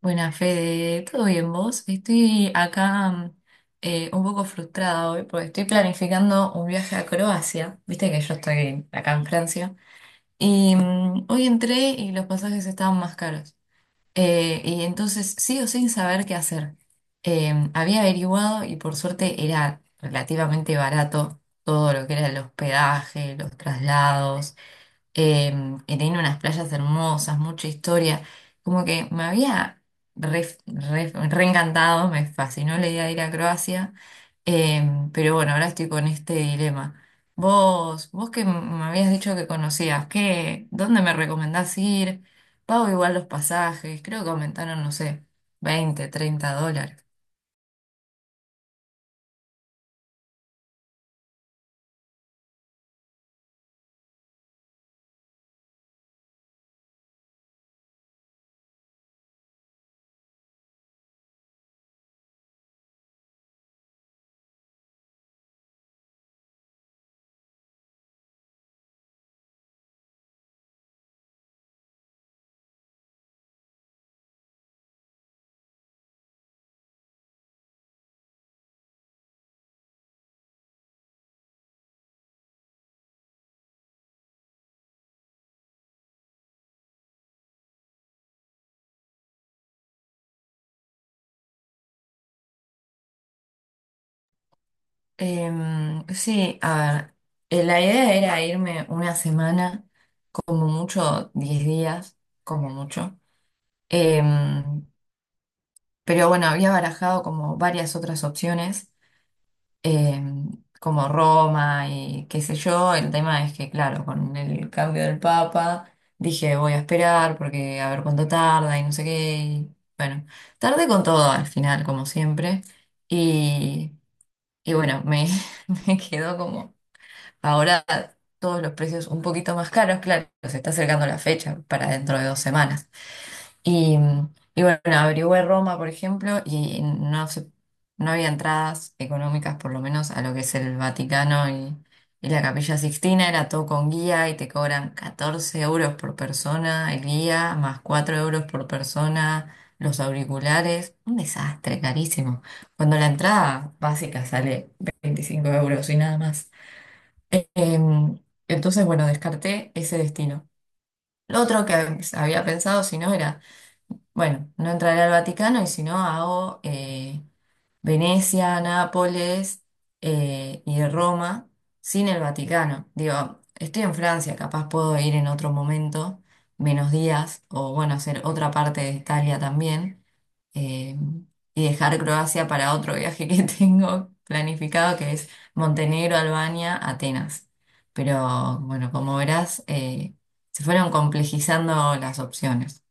Buena Fede, ¿todo bien vos? Estoy acá un poco frustrada hoy porque estoy planificando un viaje a Croacia. Viste que yo estoy acá en Francia. Y hoy entré y los pasajes estaban más caros. Y entonces sigo sin saber qué hacer. Había averiguado y por suerte era relativamente barato todo lo que era el hospedaje, los traslados que tiene unas playas hermosas, mucha historia. Como que me había reencantado, me fascinó la idea de ir a Croacia, pero bueno, ahora estoy con este dilema. Vos que me habías dicho que conocías, ¿dónde me recomendás ir? Pago igual los pasajes, creo que aumentaron, no sé, 20, 30 dólares. Sí, a ver, la idea era irme una semana, como mucho 10 días, como mucho. Em, pero bueno, había barajado como varias otras opciones, em, como Roma y qué sé yo. El tema es que, claro, con el cambio del Papa, dije voy a esperar porque a ver cuánto tarda y no sé qué. Y bueno, tardé con todo al final, como siempre. Y, y bueno, me, me quedó como... Ahora todos los precios un poquito más caros, claro, se está acercando la fecha para dentro de 2 semanas. Y, y bueno, averigüé Roma, por ejemplo, y no había entradas económicas, por lo menos, a lo que es el Vaticano y la Capilla Sixtina, era todo con guía y te cobran 14 euros por persona el guía, más 4 euros por persona los auriculares, un desastre, carísimo. Cuando la entrada básica sale 25 euros y nada más. Em, entonces, bueno, descarté ese destino. Lo otro que había pensado, si no, era, bueno, no entraré al Vaticano y si no, hago Venecia, Nápoles y Roma, sin el Vaticano. Digo, estoy en Francia, capaz puedo ir en otro momento, menos días, o bueno, hacer otra parte de Italia también, eh, y dejar Croacia para otro viaje que tengo planificado, que es Montenegro, Albania, Atenas. Pero bueno, como verás, se fueron complejizando las opciones.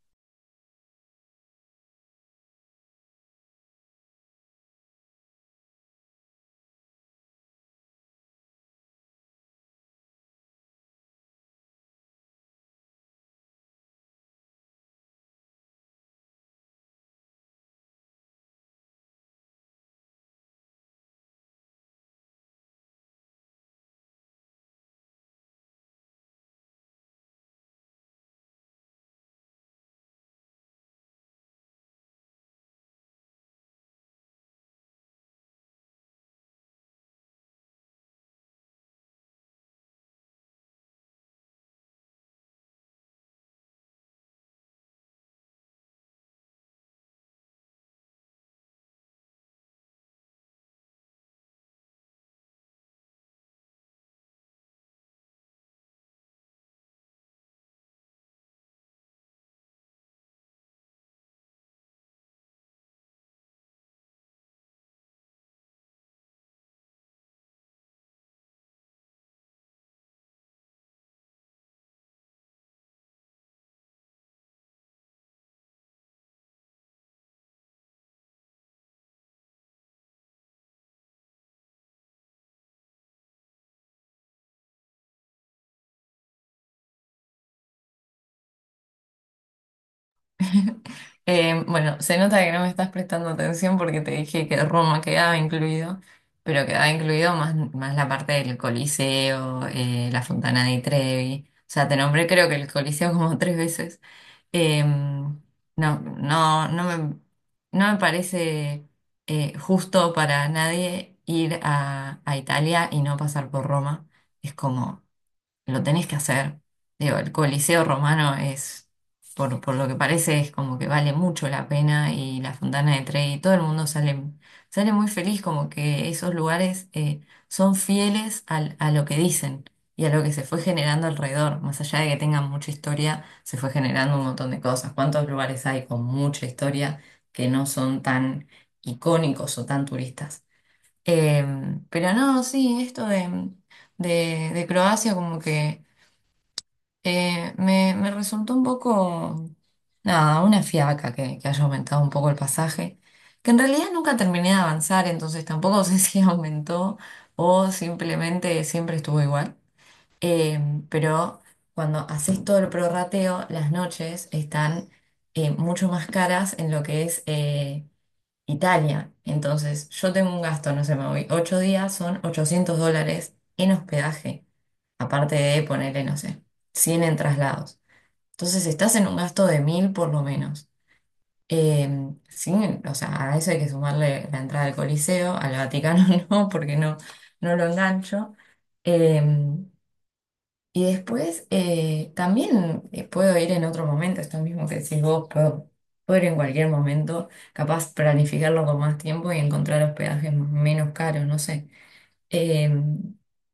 Bueno, se nota que no me estás prestando atención porque te dije que Roma quedaba incluido, pero quedaba incluido más, más la parte del Coliseo, la Fontana di Trevi. O sea, te nombré creo que el Coliseo como tres veces. Eh, no, no, no, no me parece justo para nadie ir a Italia y no pasar por Roma. Es como lo tenés que hacer. Digo, el Coliseo Romano es, por lo que parece, es como que vale mucho la pena y la Fontana de Trevi, todo el mundo sale muy feliz, como que esos lugares son fieles a lo que dicen y a lo que se fue generando alrededor. Más allá de que tengan mucha historia, se fue generando un montón de cosas. ¿Cuántos lugares hay con mucha historia que no son tan icónicos o tan turistas? Pero no, sí, esto de Croacia como que... Me resultó un poco, nada, una fiaca que haya aumentado un poco el pasaje, que en realidad nunca terminé de avanzar, entonces tampoco sé si aumentó o simplemente siempre estuvo igual. Eh, pero cuando haces todo el prorrateo, las noches están mucho más caras en lo que es Italia. Entonces, yo tengo un gasto, no sé, me voy 8 días, son 800 dólares en hospedaje, aparte de ponerle, no sé, 100 en traslados. Entonces, estás en un gasto de 1000 por lo menos. Eh, sí, o sea, a eso hay que sumarle la entrada al Coliseo, al Vaticano no, porque no, no lo engancho. Eh, y después también puedo ir en otro momento, esto mismo que decís vos, puedo ir en cualquier momento, capaz planificarlo con más tiempo y encontrar hospedajes menos caros, no sé. Eh,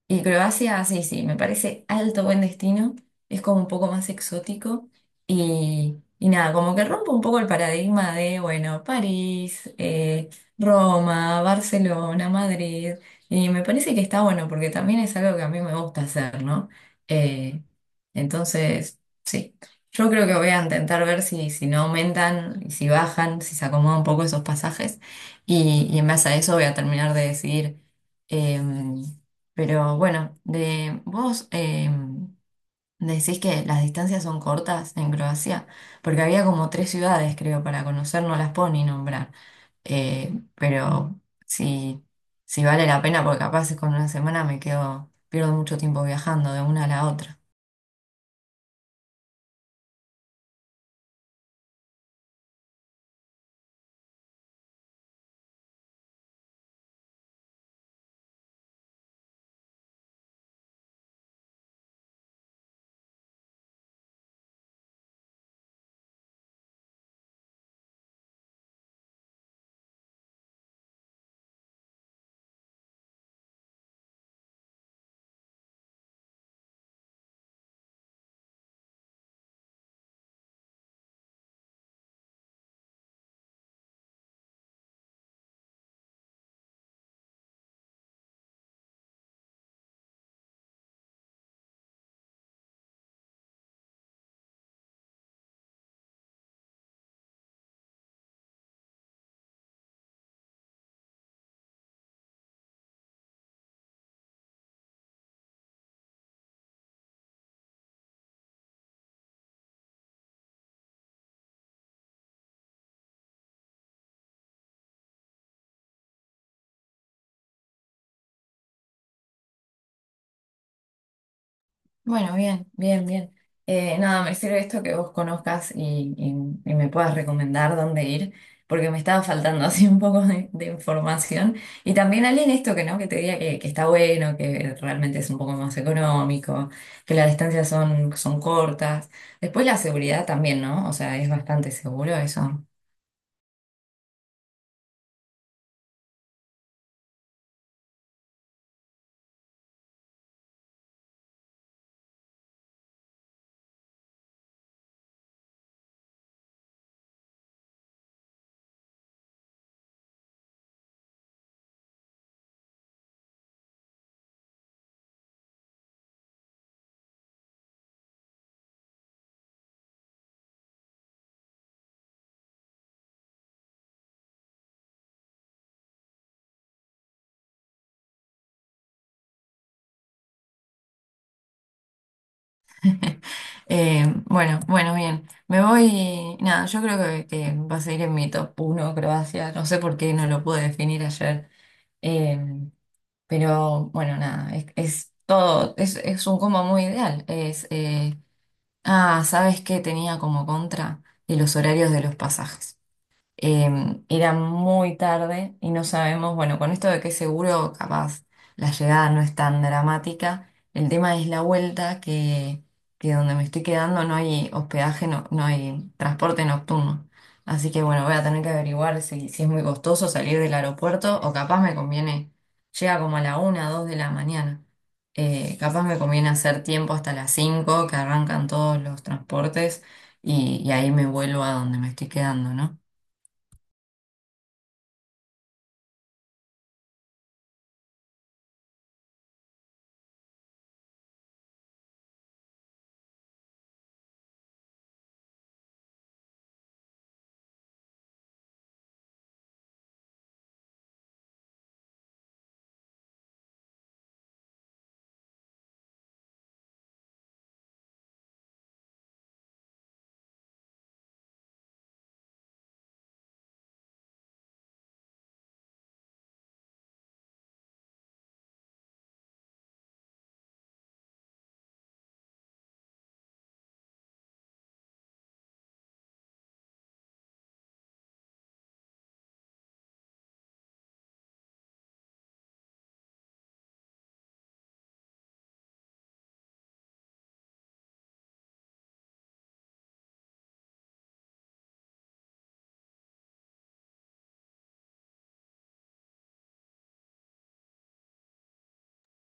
y Croacia, sí, sí, me parece alto buen destino, es como un poco más exótico y nada, como que rompe un poco el paradigma de, bueno, París, Roma, Barcelona, Madrid, y me parece que está bueno porque también es algo que a mí me gusta hacer, ¿no? Eh, entonces, sí, yo creo que voy a intentar ver si no aumentan, y si bajan, si se acomodan un poco esos pasajes y en base a eso voy a terminar de decidir. Em, pero bueno, vos decís que las distancias son cortas en Croacia, porque había como tres ciudades, creo, para conocer, no las puedo ni nombrar. Pero si, si vale la pena, porque capaz con una semana me quedo, pierdo mucho tiempo viajando de una a la otra. Bueno, bien, bien, bien. Nada, me sirve esto que vos conozcas y me puedas recomendar dónde ir, porque me estaba faltando así un poco de información. Y también alguien esto que no, que te diga que está bueno, que realmente es un poco más económico, que las distancias son cortas. Después la seguridad también, ¿no? O sea, es bastante seguro eso. Bueno, bueno, bien. Me voy, nada, yo creo que va a seguir en mi top uno Croacia. No sé por qué no lo pude definir ayer. Em, pero bueno, nada, es todo, es un combo muy ideal. Ah, ¿sabes qué tenía como contra? Y los horarios de los pasajes. Era muy tarde y no sabemos, bueno, con esto de que seguro capaz la llegada no es tan dramática, el tema es la vuelta que donde me estoy quedando no hay hospedaje, no, no hay transporte nocturno. Así que bueno, voy a tener que averiguar si es muy costoso salir del aeropuerto o capaz me conviene, llega como a la una, dos de la mañana. Capaz me conviene hacer tiempo hasta las 5 que arrancan todos los transportes y ahí me vuelvo a donde me estoy quedando, ¿no?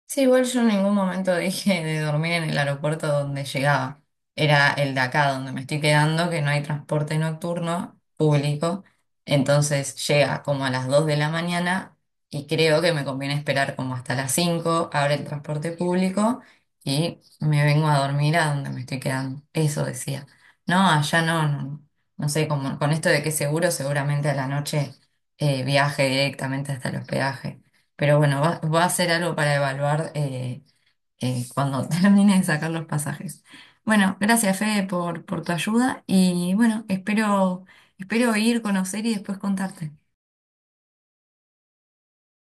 Sí, igual yo en ningún momento dije de dormir en el aeropuerto donde llegaba. Era el de acá donde me estoy quedando, que no hay transporte nocturno público. Entonces llega como a las 2 de la mañana y creo que me conviene esperar como hasta las cinco, abre el transporte público y me vengo a dormir a donde me estoy quedando. Eso decía. No, allá no, no sé, como con esto de que seguro, seguramente a la noche viaje directamente hasta el hospedaje. Pero bueno, va a ser algo para evaluar cuando termine de sacar los pasajes. Bueno, gracias Fede por tu ayuda y bueno, espero ir, conocer y después contarte.